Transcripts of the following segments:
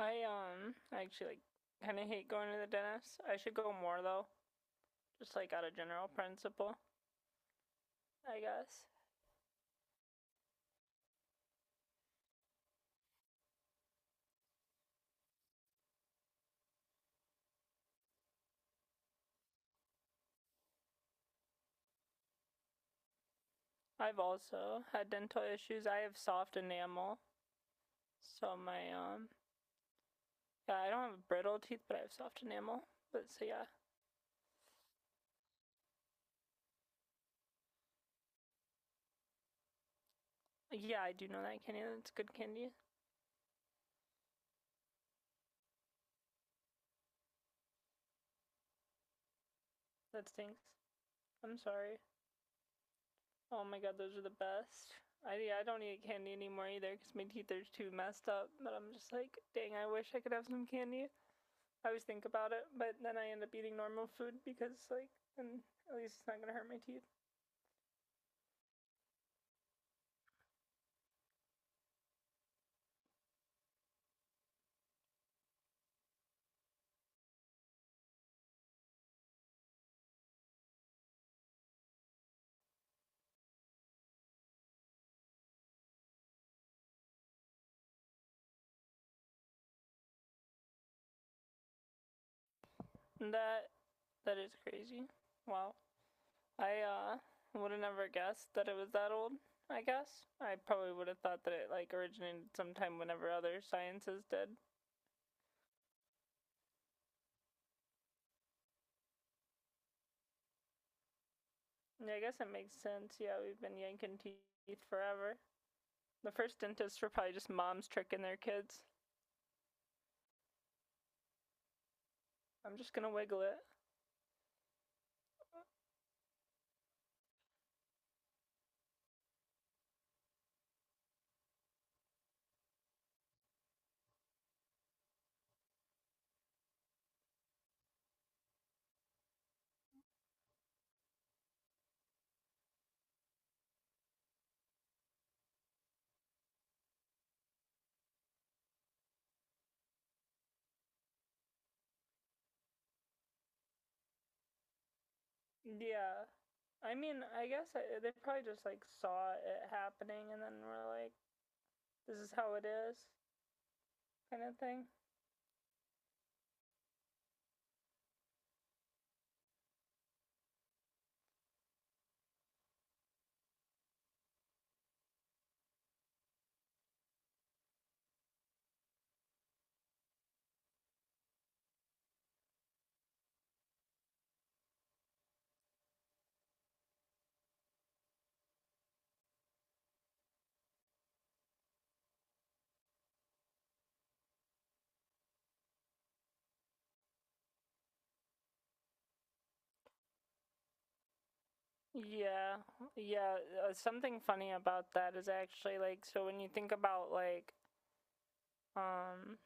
I actually like kind of hate going to the dentist. I should go more though, just like out of general principle, I guess. I've also had dental issues. I have soft enamel, so my yeah, I don't have brittle teeth, but I have soft enamel. But so yeah, yeah, I do know that candy. That's good candy. That stinks. I'm sorry. Oh my god, those are the best. I don't eat candy anymore either because my teeth are too messed up. But I'm just like, dang, I wish I could have some candy. I always think about it, but then I end up eating normal food because like then at least it's not gonna hurt my teeth. That that is crazy. Wow. I would have never guessed that it was that old, I guess. I probably would have thought that it like originated sometime whenever other sciences did. Yeah, I guess it makes sense. Yeah, we've been yanking teeth forever. The first dentists were probably just moms tricking their kids. I'm just gonna wiggle it. Yeah. I mean, I guess I, they probably just like saw it happening and then were like, this is how it is kind of thing. Yeah, yeah. Something funny about that is actually like so when you think about like um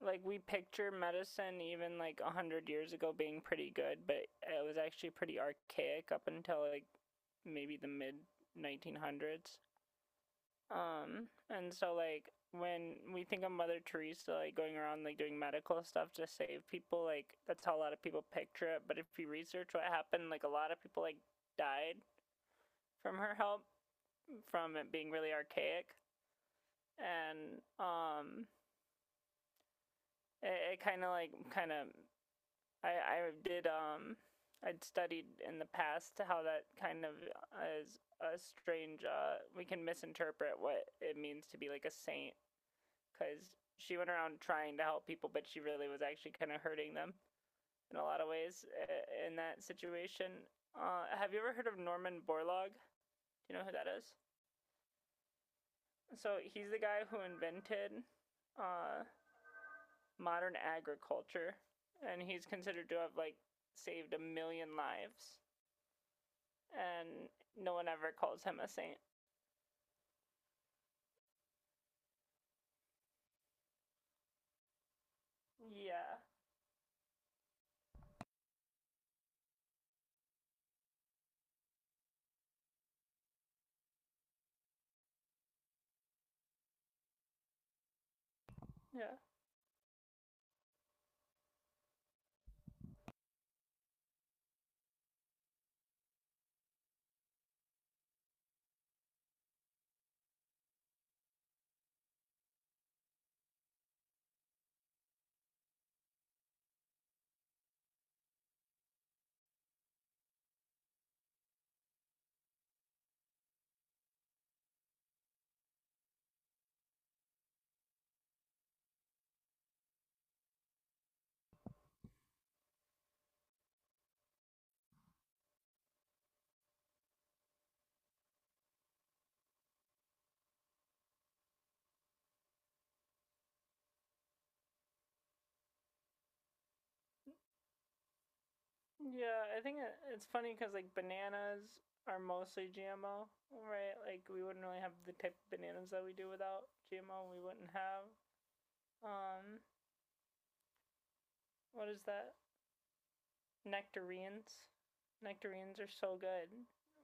like we picture medicine even like a hundred years ago being pretty good, but it was actually pretty archaic up until like maybe the mid 1900s. And so like when we think of Mother Teresa like going around like doing medical stuff to save people, like that's how a lot of people picture it. But if you research what happened, like a lot of people like died from her help from it being really archaic, and it kind of like I I did um I'd studied in the past how that kind of is a strange we can misinterpret what it means to be like a saint because she went around trying to help people, but she really was actually kind of hurting them in a lot of ways in that situation. Have you ever heard of Norman Borlaug? Do you know who that is? So he's the guy who invented uh, modern agriculture, and he's considered to have like saved a million lives, and no one ever calls him a saint. Yeah, yeah. Yeah, I think it's funny because like bananas are mostly GMO, right? Like we wouldn't really have the type of bananas that we do without GMO. We wouldn't have um what is that? Nectarines. Nectarines are so good.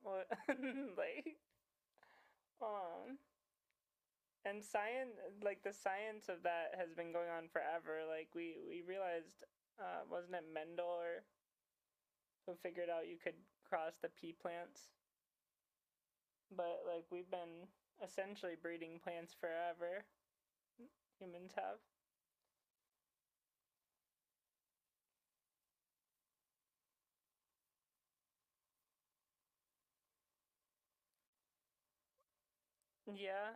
What like um and science like the science of that has been going on forever. Like we realized wasn't it Mendel or who figured out you could cross the pea plants but like we've been essentially breeding plants forever. Humans have. Yeah,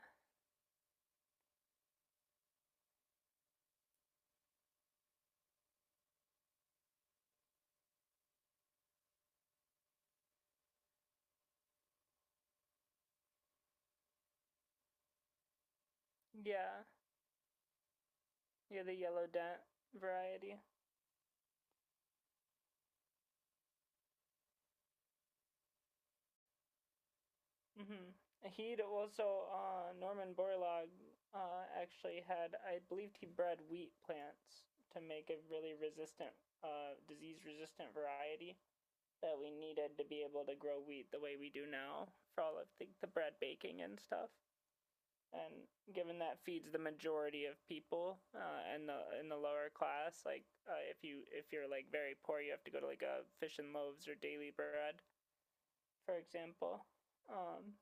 yeah, yeah. The yellow dent variety. Hmm He'd also Norman Borlaug actually had, I believed he bred wheat plants to make a really resistant, disease-resistant variety that we needed to be able to grow wheat the way we do now for all of the bread baking and stuff. And given that feeds the majority of people in the lower class, like if you if you're like very poor, you have to go to like a fish and loaves or daily bread, for example. Um,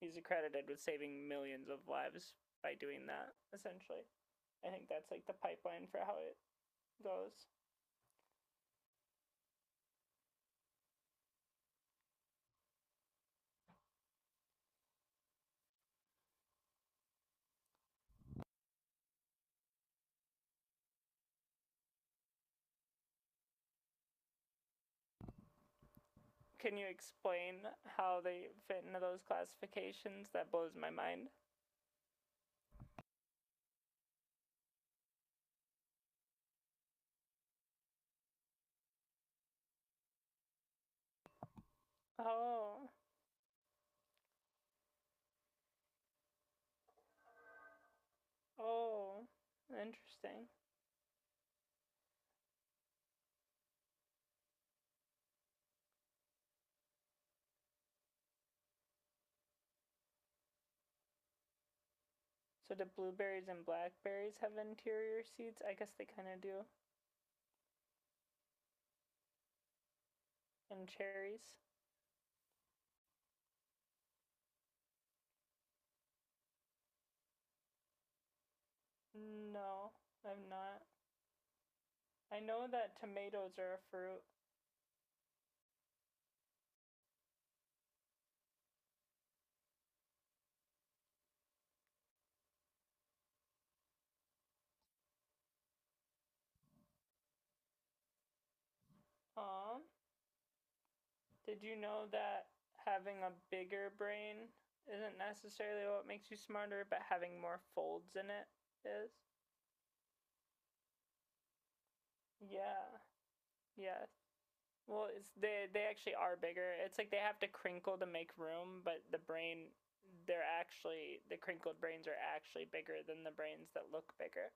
he's accredited with saving millions of lives by doing that. Essentially, I think that's like the pipeline for how it goes. Can you explain how they fit into those classifications? That blows my mind. Oh, oh, interesting. So do blueberries and blackberries have interior seeds? I guess they kind of do. And cherries? No, I've not. I know that tomatoes are a fruit. Um, did you know that having a bigger brain isn't necessarily what makes you smarter, but having more folds in it is? Yeah. Yeah. Well, it's they actually are bigger. It's like they have to crinkle to make room, but they're actually the crinkled brains are actually bigger than the brains that look bigger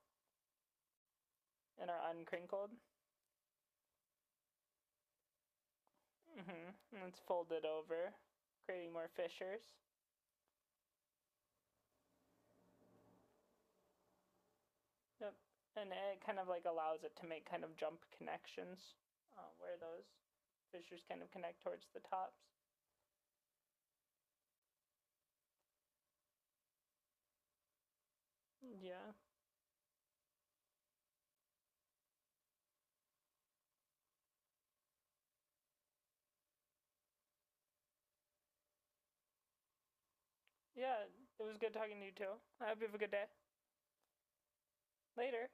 and are uncrinkled. Mm-hmm. And it's folded over, creating more fissures. Yep. And it kind of like allows it to make kind of jump connections where those fissures kind of connect towards the tops. Yeah. Yeah. It was good talking to you too. I hope you have a good day. Later.